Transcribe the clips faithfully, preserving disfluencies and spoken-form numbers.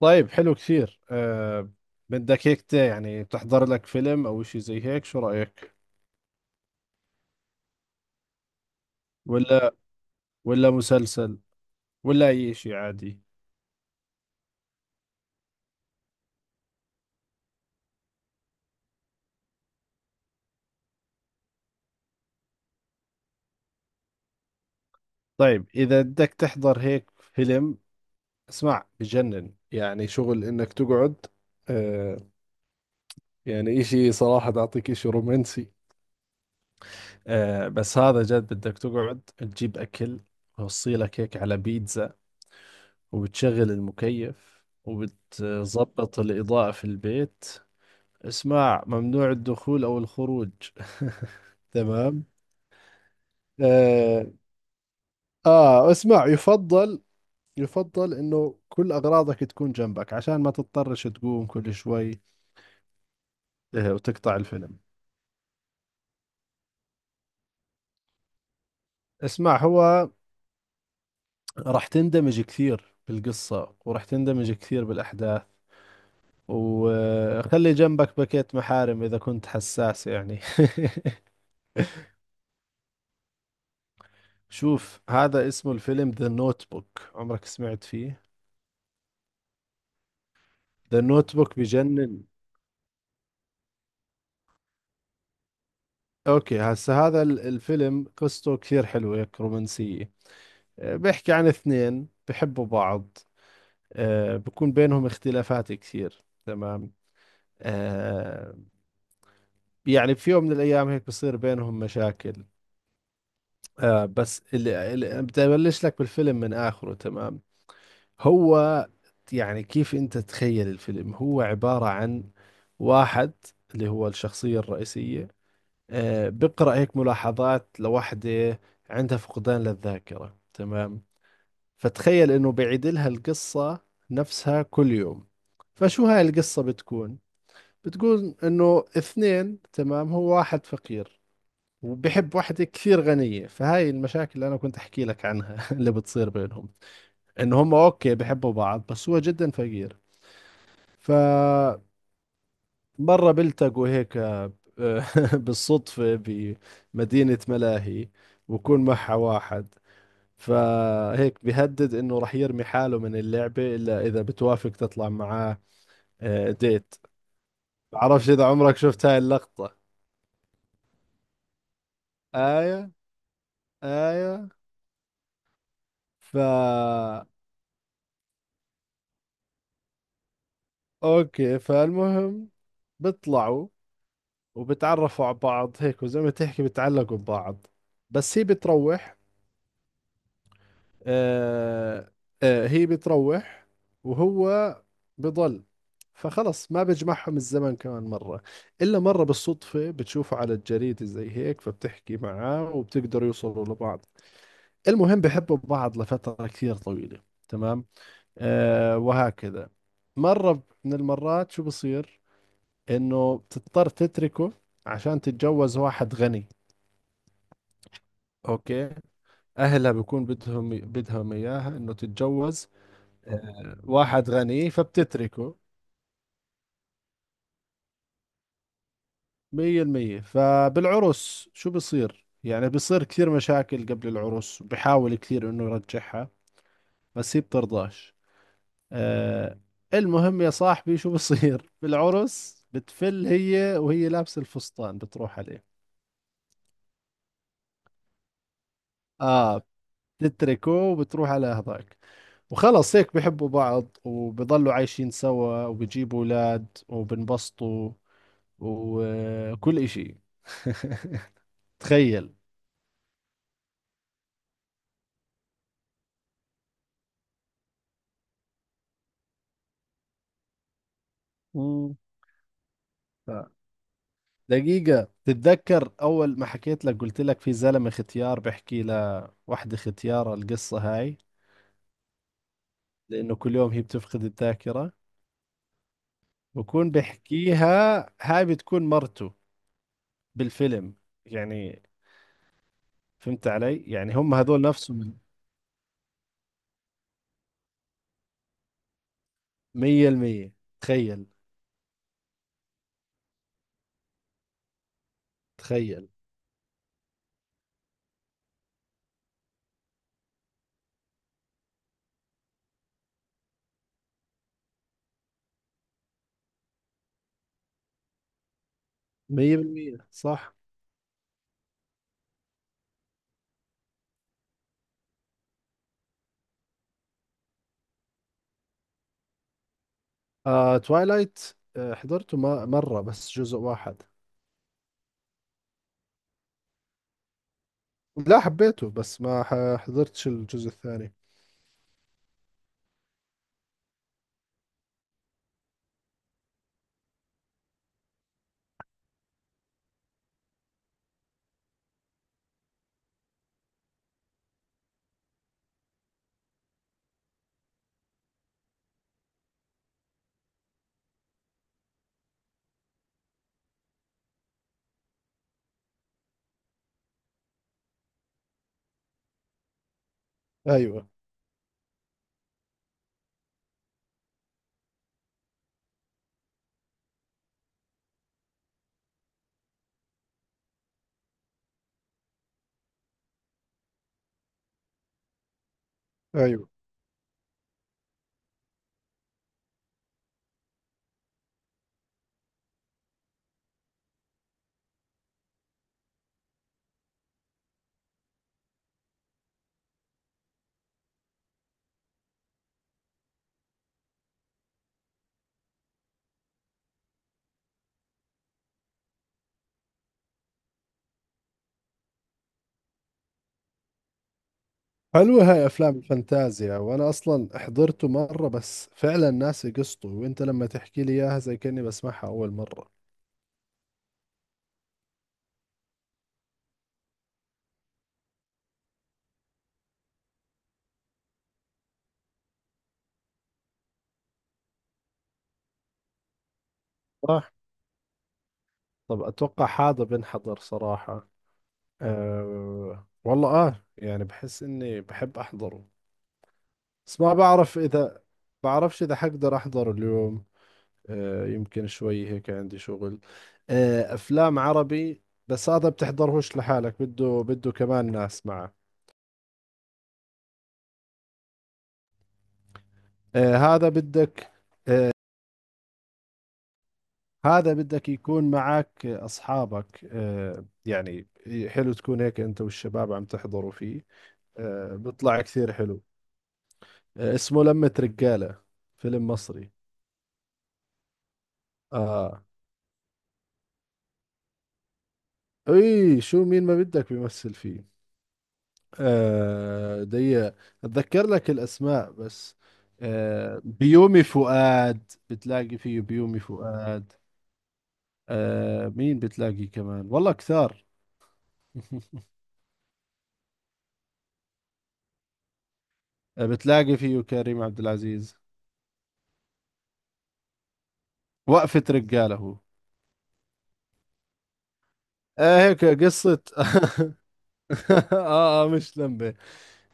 طيب، حلو كثير، أه. بدك هيك تا- يعني تحضر لك فيلم او اشي زي هيك، شو رأيك؟ ولا ولا مسلسل، ولا اي اشي عادي. طيب، اذا بدك تحضر هيك فيلم، اسمع بجنن، يعني شغل انك تقعد. أه، يعني اشي صراحة بعطيك اشي رومانسي. أه، بس هذا جد بدك تقعد تجيب اكل، وصيلك هيك على بيتزا، وبتشغل المكيف وبتظبط الإضاءة في البيت. اسماع ممنوع الدخول أو الخروج. تمام. آه، آه، اسمع، يفضل يفضل إنه كل أغراضك تكون جنبك عشان ما تضطرش تقوم كل شوي، آه، وتقطع الفيلم. اسمع، هو راح تندمج كثير بالقصة، وراح تندمج كثير بالأحداث، وخلي جنبك باكيت محارم إذا كنت حساس يعني. شوف، هذا اسمه الفيلم ذا نوت بوك، عمرك سمعت فيه؟ ذا نوت بوك بجنن. اوكي، هسه هذا ال- الفيلم قصته كثير حلوة هيك، رومانسية. آه، بيحكي عن اثنين بحبوا بعض. آه، بكون بينهم اختلافات كثير، تمام. آه، يعني في يوم من الايام هيك بصير بينهم مشاكل. آه، بس اللي اللي- بدي ابلش لك بالفيلم من اخره، تمام. هو يعني كيف انت تتخيل الفيلم؟ هو عبارة عن واحد اللي هو الشخصية الرئيسية، آه، بقرأ هيك ملاحظات لوحدة عندها فقدان للذاكرة، تمام. فتخيل إنه بعيد لها القصة نفسها كل يوم. فشو هاي القصة بتكون؟ بتكون إنه اثنين، تمام، هو واحد فقير، وبحب واحدة كثير غنية، فهاي المشاكل اللي أنا كنت أحكي لك عنها، اللي بتصير بينهم. إنه هم أوكي بحبوا بعض، بس هو جدا فقير. ف مرة بلتقوا هيك، آه، بالصدفة، بمدينة ملاهي، وكون معها واحد، فهيك بيهدد انه رح يرمي حاله من اللعبة الا اذا بتوافق تطلع معاه، آه، ديت. بعرفش اذا عمرك شفت هاي اللقطة. ايوه، ايوه. فا اوكي، فالمهم بيطلعوا، وبتعرفوا على بعض هيك، وزي ما تحكي بتعلقوا ببعض، بس هي بتروح. آه، آه، هي بتروح، وهو بضل، فخلص ما بيجمعهم الزمن كمان مرة، إلا مرة بالصدفة بتشوفه على الجريدة زي هيك، فبتحكي معاه، وبتقدروا يوصلوا لبعض. المهم بحبوا بعض لفترة كثير طويلة، تمام، آه وهكذا. مرة من المرات شو بصير؟ إنه بتضطر تتركه عشان تتجوز واحد غني. أوكي، أهلها بكون بدهم بدهم إياها إنه تتجوز، آه، واحد غني، فبتتركه. مية المية. فبالعرس شو بصير يعني؟ بصير كثير مشاكل قبل العرس، وبحاول كثير انه يرجعها، بس هي بترضاش، آه. المهم يا صاحبي شو بصير بالعرس؟ بتفل هي وهي لابسة الفستان، بتروح عليه. اه، بتتركه وبتروح على هذاك، وخلص هيك بحبوا بعض، وبضلوا عايشين سوا، وبجيبوا اولاد، وبنبسطوا، وكل اشي. تخيل. مم. ف- دقيقة، تتذكر أول ما حكيت لك قلت لك في زلمة ختيار بحكي لوحدة ختيار القصة هاي؟ لأنه كل يوم هي بتفقد الذاكرة. بكون بحكيها، هاي بتكون مرته بالفيلم يعني. فهمت علي؟ يعني هم هذول نفسهم. مية المية. تخيل. تخيل. مية بالمية صح. آه توايلايت، آه حضرته ما مرة بس جزء واحد. لا، حبيته، بس ما ح- حضرتش الجزء الثاني. أيوة، أيوة. حلوة هاي أفلام الفانتازيا، وأنا أصلا حضرته مرة، بس فعلا ناسي قصته، وأنت لما تحكي لي إياها زي كأني بسمعها أول مرة. صح. طب أتوقع هذا بنحضر صراحة. أه والله، آه يعني بحس إني بحب أحضره. بس ما بعرف إذا، بعرفش إذا حقدر أحضره اليوم. أه يمكن شوي هيك عندي شغل. أه، أفلام عربي. بس هذا بتحضرهوش لحالك، بده بده كمان ناس معه. آه، هذا بدك هذا بدك يكون معك أصحابك، آه، يعني. حلو تكون هيك أنت والشباب عم تحضروا فيه. آه، بيطلع كثير حلو، آه، اسمه لمة رجالة، فيلم مصري. آه، إي شو مين ما بدك بيمثل فيه؟ آه دي، أتذكر لك الأسماء بس. آه، بيومي فؤاد، بتلاقي فيه بيومي فؤاد، آه مين بتلاقي كمان، والله كثار. آه، بتلاقي فيه كريم عبد العزيز، وقفة رجالة هو. آه هيك قصة. آه، آه مش لمبة.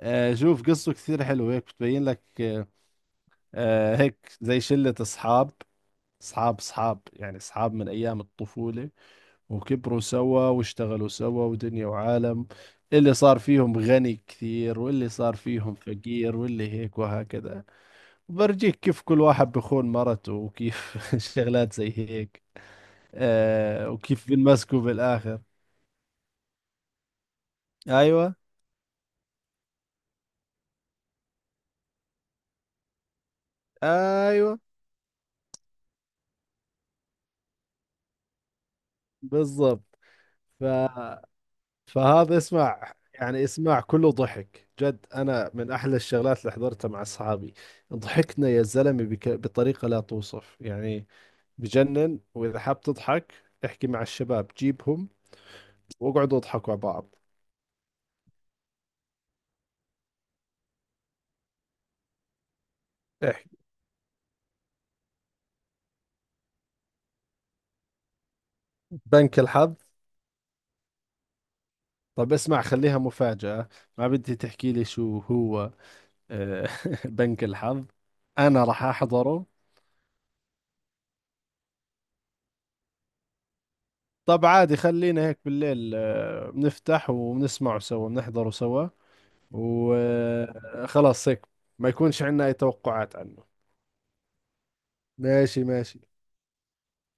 آه شوف قصته كثير حلوة، هيك بتبين لك، آه، آه، هيك زي شلة أصحاب، أصحاب أصحاب يعني، أصحاب من أيام الطفولة، وكبروا سوا، واشتغلوا سوا، ودنيا وعالم، اللي صار فيهم غني كثير، واللي صار فيهم فقير، واللي هيك وهكذا. برجيك كيف كل واحد بخون مرته، وكيف شغلات زي هيك، آه وكيف بنمسكوا بالآخر. أيوة، أيوة، بالضبط. ف... فهذا اسمع يعني، اسمع كله ضحك جد، انا من احلى الشغلات اللي حضرتها مع اصحابي. ضحكنا يا زلمه بك... بطريقه لا توصف يعني، بجنن. واذا حاب تضحك احكي مع الشباب، جيبهم واقعدوا اضحكوا على بعض. احكي بنك الحظ. طب اسمع، خليها مفاجأة، ما بدي تحكي لي شو هو، آه، بنك الحظ، انا راح احضره. طب عادي، خلينا هيك بالليل، آه، بنفتح وبنسمعه سوا، بنحضره سوا، وخلاص هيك. ما يكونش عندنا اي توقعات عنه. ماشي، ماشي.